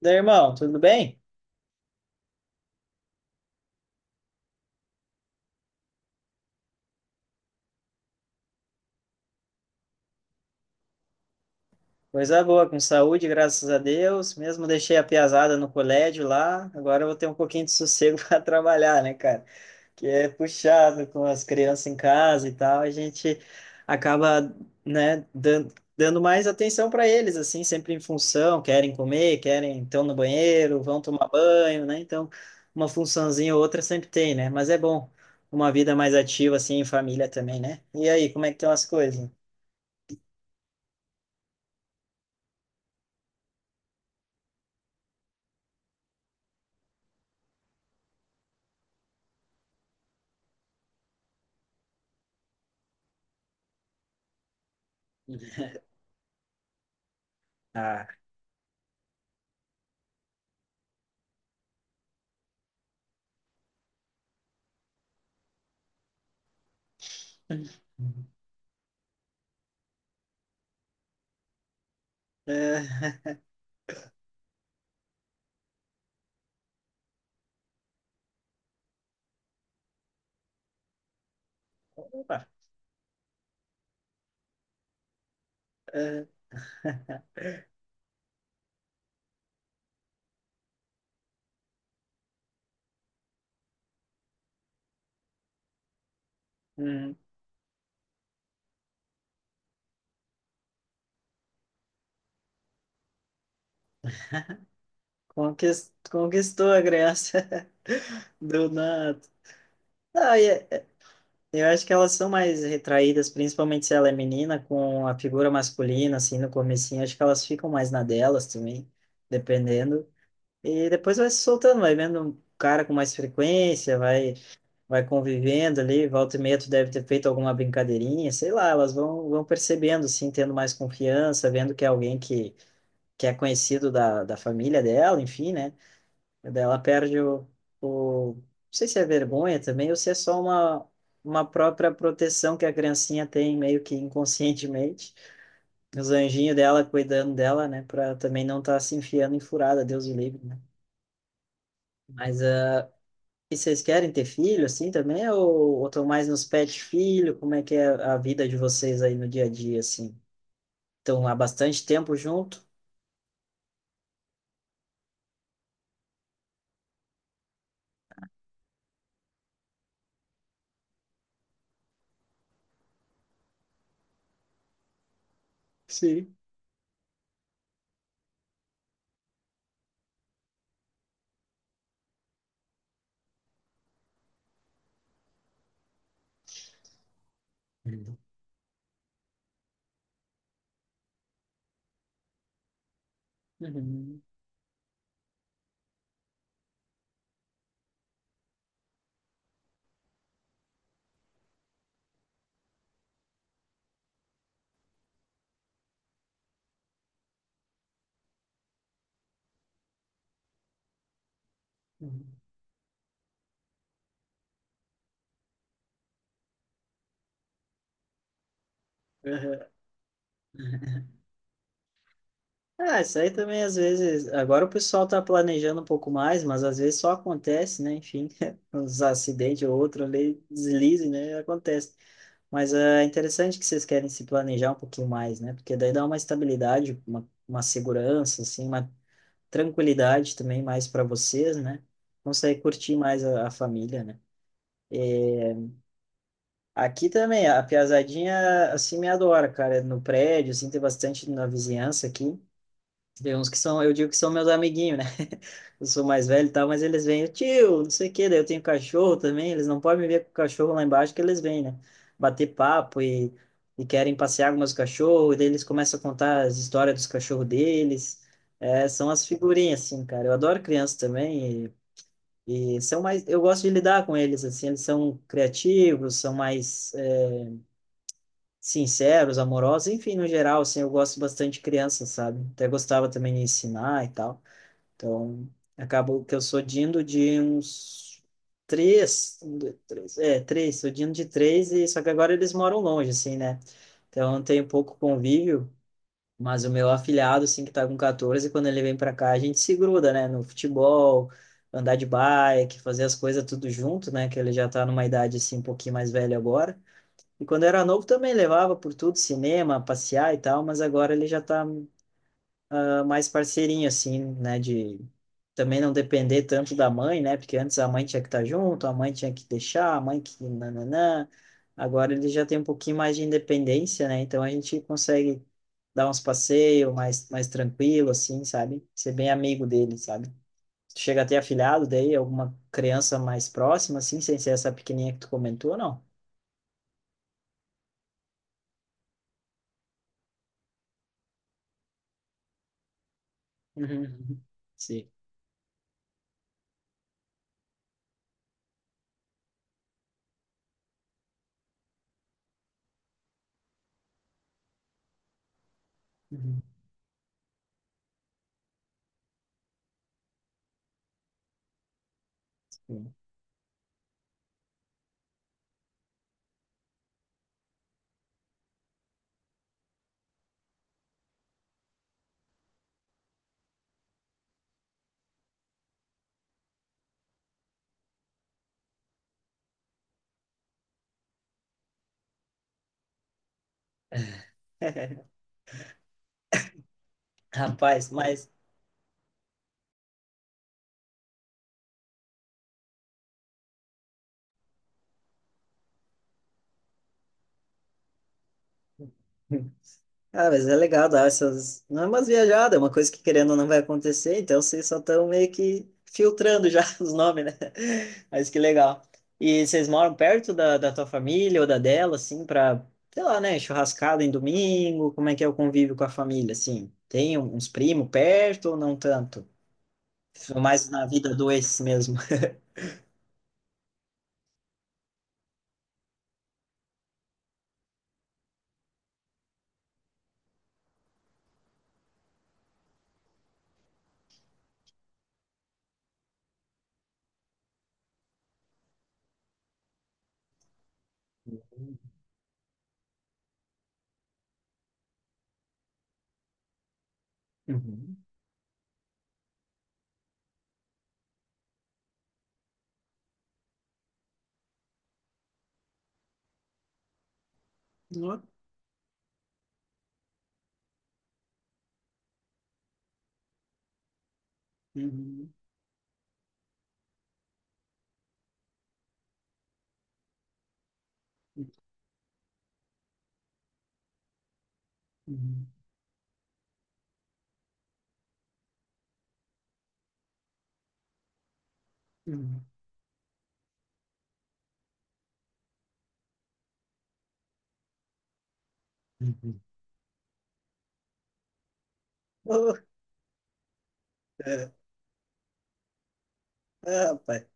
Daí, irmão, tudo bem? Coisa boa, com saúde, graças a Deus. Mesmo deixei a piazada no colégio lá, agora eu vou ter um pouquinho de sossego para trabalhar, né, cara? Que é puxado com as crianças em casa e tal, a gente acaba, né, dando mais atenção para eles, assim, sempre em função, querem comer, querem, estão no banheiro, vão tomar banho, né? Então, uma funçãozinha ou outra sempre tem, né? Mas é bom uma vida mais ativa, assim, em família também, né? E aí, como é que estão as coisas? Ah, é, opa, é, hum, conquistou a Grécia do nada. Ah, eu acho que elas são mais retraídas, principalmente se ela é menina, com a figura masculina, assim, no comecinho. Acho que elas ficam mais na delas também, dependendo. E depois vai se soltando, vai vendo um cara com mais frequência, vai convivendo ali, volta e meia tu deve ter feito alguma brincadeirinha, sei lá, elas vão percebendo, assim, tendo mais confiança, vendo que é alguém que é conhecido da família dela, enfim, né? Daí ela perde o. Não sei se é vergonha também, ou se é só uma própria proteção que a criancinha tem, meio que inconscientemente. Os anjinhos dela cuidando dela, né? Pra também não estar tá se enfiando em furada, Deus o livre, né? Mas e vocês querem ter filho assim também? Ou estão mais nos pet filho? Como é que é a vida de vocês aí no dia a dia, assim? Estão há bastante tempo junto? Sim. Uhum. Uhum. Uhum. Ah, isso aí também às vezes. Agora o pessoal tá planejando um pouco mais, mas às vezes só acontece, né? Enfim, uns acidentes ou outro ali, deslize, né? Acontece. Mas ah, é interessante que vocês querem se planejar um pouquinho mais, né? Porque daí dá uma estabilidade, uma segurança, assim, uma tranquilidade também mais para vocês, né? Consegue curtir mais a família, né? Aqui também, a piazadinha, assim, me adora, cara. É. No prédio, assim, tem bastante na vizinhança aqui. Tem uns que são, eu digo que são meus amiguinhos, né? Eu sou mais velho e tal, mas eles vêm, tio, não sei o quê, daí eu tenho cachorro também, eles não podem me ver com o cachorro lá embaixo que eles vêm, né? Bater papo e querem passear com meus cachorros, e daí eles começam a contar as histórias dos cachorros deles. É, são as figurinhas, assim, cara. Eu adoro criança também e são mais... Eu gosto de lidar com eles, assim, eles são criativos, são mais é, sinceros, amorosos, enfim, no geral, assim, eu gosto bastante de criança, sabe? Até gostava também de ensinar e tal. Então, acabo que eu sou dindo de uns três, um, dois, três, é, três, sou dindo de três, e só que agora eles moram longe, assim, né? Então, eu tenho pouco convívio, mas o meu afilhado, assim, que tá com 14, quando ele vem pra cá, a gente se gruda, né? No futebol, andar de bike, fazer as coisas tudo junto, né? Que ele já tá numa idade, assim, um pouquinho mais velha agora. E quando era novo também levava por tudo, cinema, passear e tal, mas agora ele já tá ah, mais parceirinho, assim, né? De também não depender tanto da mãe, né? Porque antes a mãe tinha que estar junto, a mãe tinha que deixar, a mãe que nananã. Agora ele já tem um pouquinho mais de independência, né? Então a gente consegue dar uns passeios mais, mais tranquilo, assim, sabe? Ser bem amigo dele, sabe? Chega a ter afilhado daí, alguma criança mais próxima, assim, sem ser essa pequenininha que tu comentou, não? Uhum. Sim. Uhum. Sim. Rapaz, mas ah, mas é legal dar essas. Não é umas viajadas, é uma coisa que querendo ou não vai acontecer, então vocês só estão meio que filtrando já os nomes, né? Mas que legal. E vocês moram perto da, da tua família ou da dela, assim, pra, sei lá, né, churrascada em domingo? Como é que é o convívio com a família, assim? Tem um, uns primos perto ou não tanto? Mais na vida do ex mesmo. Uhum. Uhum. Uhum. Uhum. Uhum. Uhum. Uhum. Oh, é. Ah, rapaz.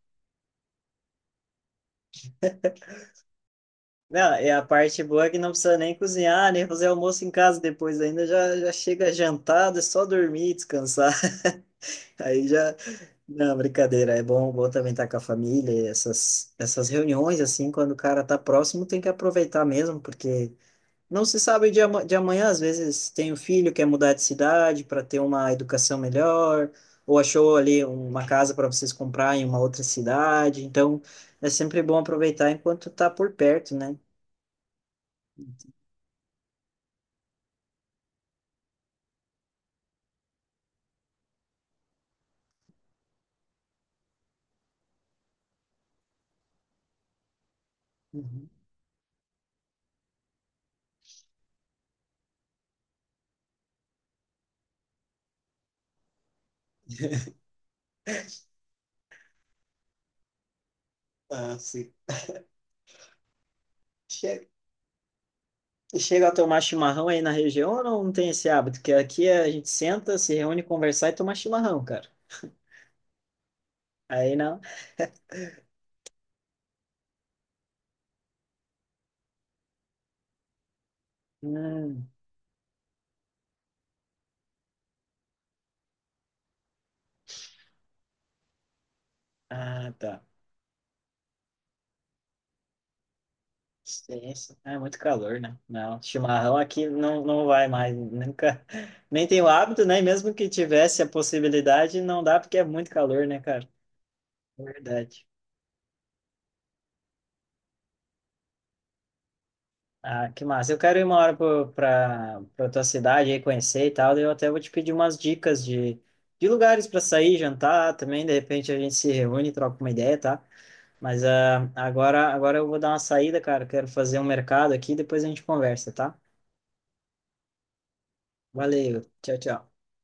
Não, é a parte boa é que não precisa nem cozinhar, nem fazer almoço em casa depois ainda, já, já chega jantado, é só dormir, descansar. Aí já. Não, brincadeira, é bom, bom também estar com a família, essas, essas reuniões, assim, quando o cara tá próximo, tem que aproveitar mesmo, porque não se sabe de, de amanhã, às vezes tem um filho que quer mudar de cidade para ter uma educação melhor, ou achou ali uma casa para vocês comprar em uma outra cidade, então é sempre bom aproveitar enquanto tá por perto, né? Uhum. Ah, sim. Che- Chega a tomar chimarrão aí na região ou não, não tem esse hábito? Que aqui a gente senta, se reúne, conversar e tomar chimarrão, cara. Aí não. Hum, ah, tá. Sim, sim. Ah, é muito calor, né? Não, chimarrão aqui não, não vai mais. Nunca. Nem tenho hábito, né? E mesmo que tivesse a possibilidade, não dá porque é muito calor, né, cara? Verdade. Ah, que massa. Eu quero ir uma hora para tua cidade aí conhecer e tal, daí eu até vou te pedir umas dicas de lugares para sair, jantar também, de repente a gente se reúne, troca uma ideia, tá? Mas ah, agora eu vou dar uma saída, cara. Quero fazer um mercado aqui, depois a gente conversa, tá? Valeu. Tchau, tchau.